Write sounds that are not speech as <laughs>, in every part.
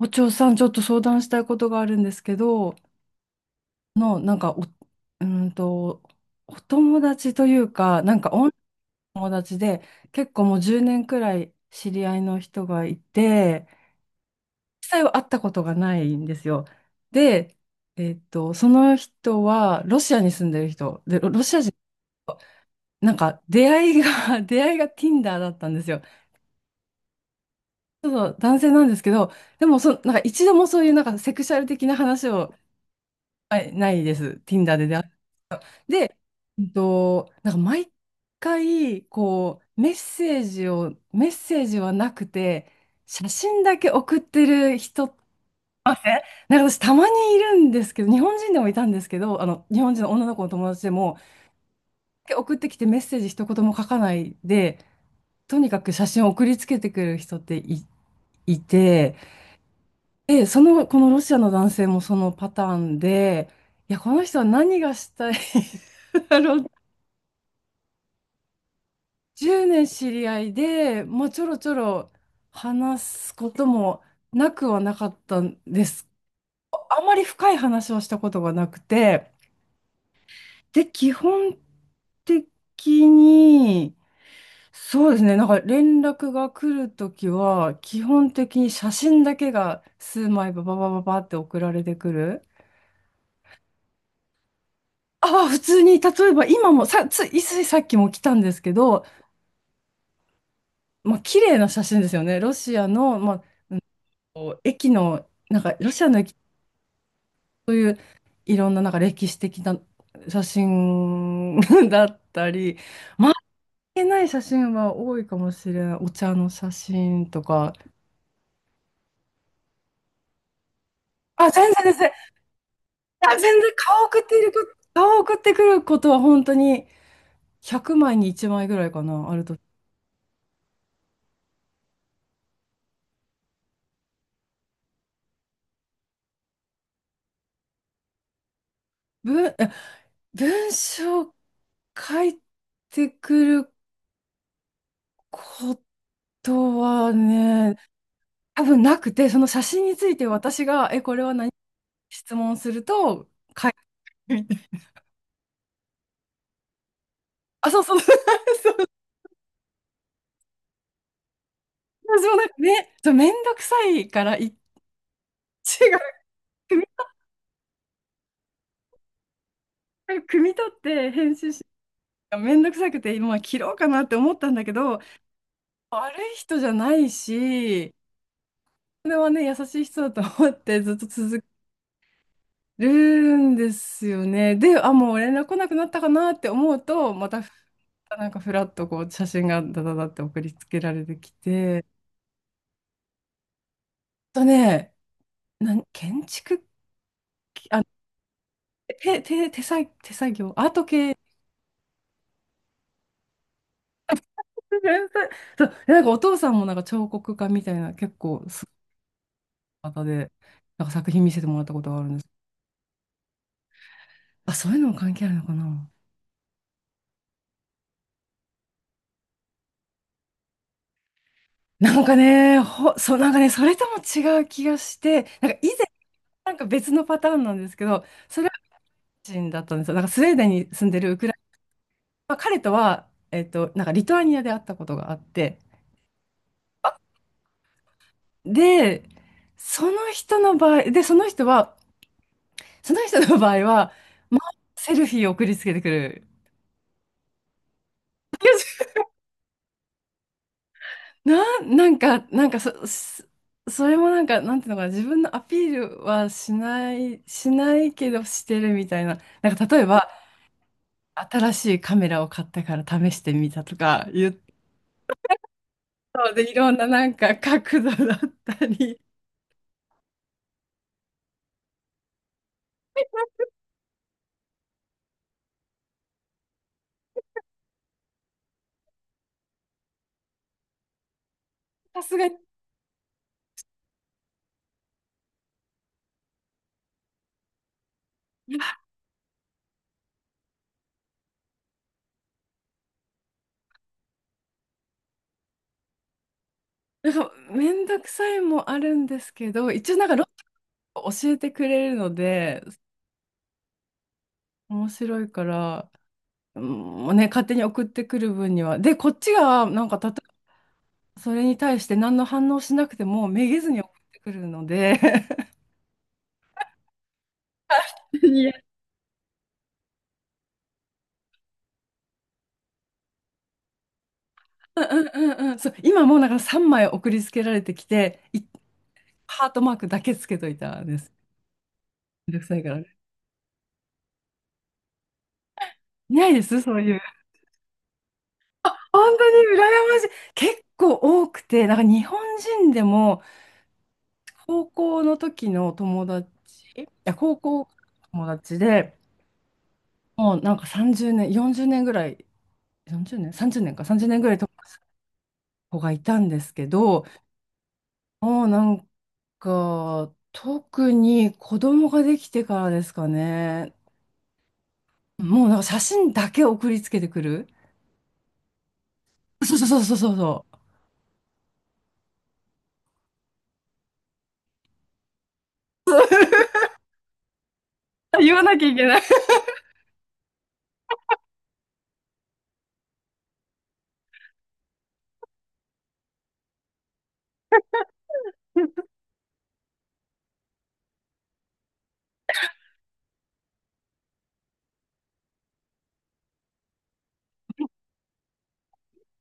お嬢さん、ちょっと相談したいことがあるんですけど、なんかお、うーんと、お友達というか、なんか、お友達で、結構もう10年くらい知り合いの人がいて、実際は会ったことがないんですよ。で、その人は、ロシアに住んでる人、で、ロシア人、なんか、出会いが、<laughs> 出会いが Tinder だったんですよ。ちょっと男性なんですけど、でもそ、なんか一度もそういうなんかセクシャル的な話を、はい、ないです。Tinder で出会う。で、なんか毎回、こう、メッセージはなくて、写真だけ送ってる人、あえなんか私たまにいるんですけど、日本人でもいたんですけど、あの、日本人の女の子の友達でも、送ってきてメッセージ一言も書かないで、とにかく写真を送りつけてくる人っていて、で、このロシアの男性もそのパターンで、いや、この人は何がしたい <laughs> だろう。10年知り合いで、まあ、ちょろちょろ話すこともなくはなかったんです。あまり深い話をしたことがなくて、で、基本的に、そうですね、なんか連絡が来るときは、基本的に写真だけが数枚バババババって送られてくる。ああ、普通に、例えば今も、さ、つい、ついさっきも来たんですけど、まあ、綺麗な写真ですよね。ロシアの、まあ、こう駅の、なんか、ロシアの駅、そういういろんななんか歴史的な写真 <laughs> だったり、まあ、いけない写真は多いかもしれない。お茶の写真とか。あ、全然全然。いや、全然顔送っているこ、顔送ってくることは本当に100枚に1枚ぐらいかな、あると。文、え文章書いてくることはね、多分なくて、その写真について私が、これは何質問すると、<laughs> あ、そうそう。私もなんかめ、そうめんどくさいから一致が組み、組み立って編集し、めんどくさくて今は切ろうかなって思ったんだけど、悪い人じゃないし、それはね、優しい人だと思ってずっと続けるんですよね。で、あ、もう連絡来なくなったかなって思うと、またなんかふらっとこう写真がダダダって送りつけられてきて、あとね、建築、あ、手作業、アート系 <laughs> 天才。そう、なんかお父さんもなんか彫刻家みたいな結構すごい方で、なんか作品見せてもらったことがあるんです。あ、そういうのも関係あるのかな。そう、なんかね、それとも違う気がして、なんか以前、なんか別のパターンなんですけど、それは人だったんですよ。なんかスウェーデンに住んでるウクライナ、まあ、彼とは、なんかリトアニアで会ったことがあって、で、その人の場合、で、その人は、その人の場合は、まあ、セルフィーを送りつけてくる。なんか、なんかそれもなんか、なんていうのかな、自分のアピールはしない、しないけどしてるみたいな。なんか例えば、新しいカメラを買ったから試してみたとか言ったで、いろんななんか角度だったり、さすがに、なんかめんどくさいもあるんですけど、一応なんかロッを教えてくれるので、面白いから、うん、ね、勝手に送ってくる分には。で、こっちが、なんかそれに対して何の反応しなくてもめげずに送ってくるので、 <laughs> いや、うんうんうんうん、そう、今もうだから3枚送りつけられてきて、ハートマークだけつけといたんです。めんどくさいからね。いないです、そういう。本当に羨ましい。結構多くて、なんか日本人でも、高校の時の友達、いや、高校の友達で、もうなんか30年、40年ぐらい、40年？ 30 年か、30年ぐらい友達の子がいたんですけど、もうなんか、特に子供ができてからですかね。もうなんか写真だけ送りつけてくる。そうそうそうそうそうそう。あ、言わなきゃいけない。そ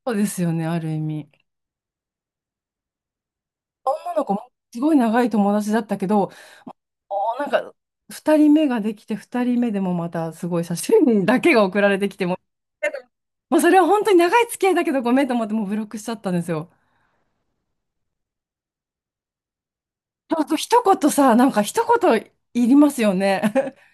うですよね、ある意味。女の子もすごい長い友達だったけど、なんか2人目ができて、2人目でもまたすごい写真だけが送られてきても、もうそれは本当に長い付き合いだけどごめんと思ってもうブロックしちゃったんですよ。あと一言さ、なんか一言いりますよね。<laughs>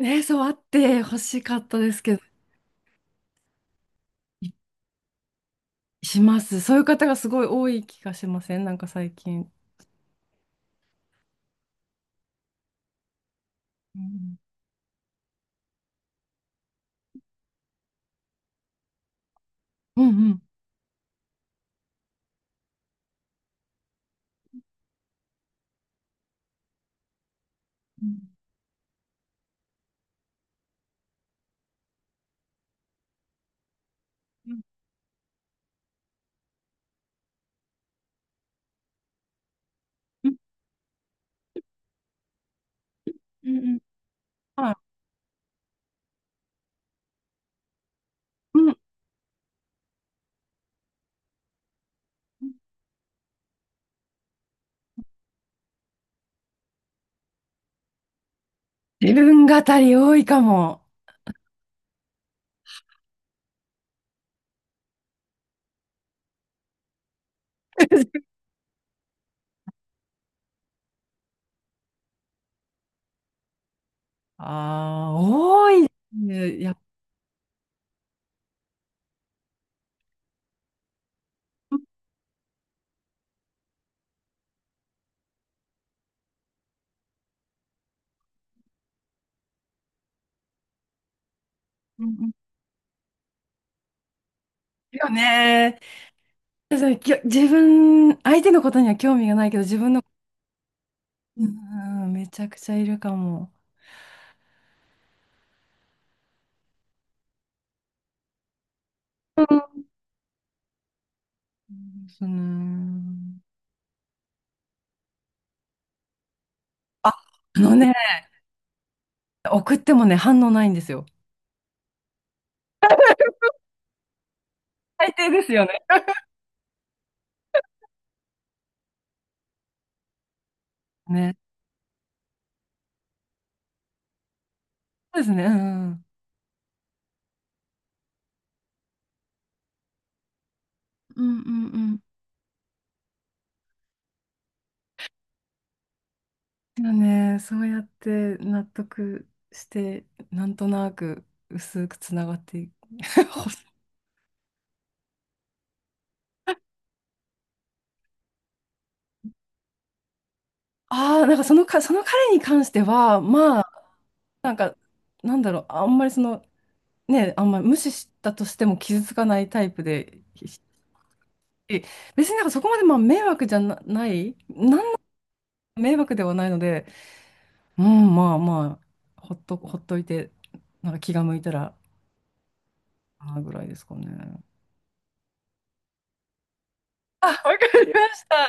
ね、そうあって欲しかったですけど。します。そういう方がすごい多い気がしません、なんか最近。うんうんうん。うんうんうんうん、はい。うん。自分語り多いかも。ああ、多いね。やっぱ、うんうん、よね。そう、自分、相手のことには興味がないけど、自分の、うんうん、めちゃくちゃいるかも。うん、そうね。あ、あのね、送ってもね、反応ないんですよ。最低ですよね。ね。そうですね。うんうんうんうん、でもね、そうやって納得して、なんとなく薄くつながっていく。<laughs> ああ、なんかその彼に関しては、まあ、なんか、なんだろう、あんまりその、ね、あんまり無視したとしても傷つかないタイプで、し、別になんかそこまでまあ迷惑じゃな、ない、迷惑ではないので、うん、まあまあ、ほっといて、なんか気が向いたら、ああぐらいですかね。あ、わかりました。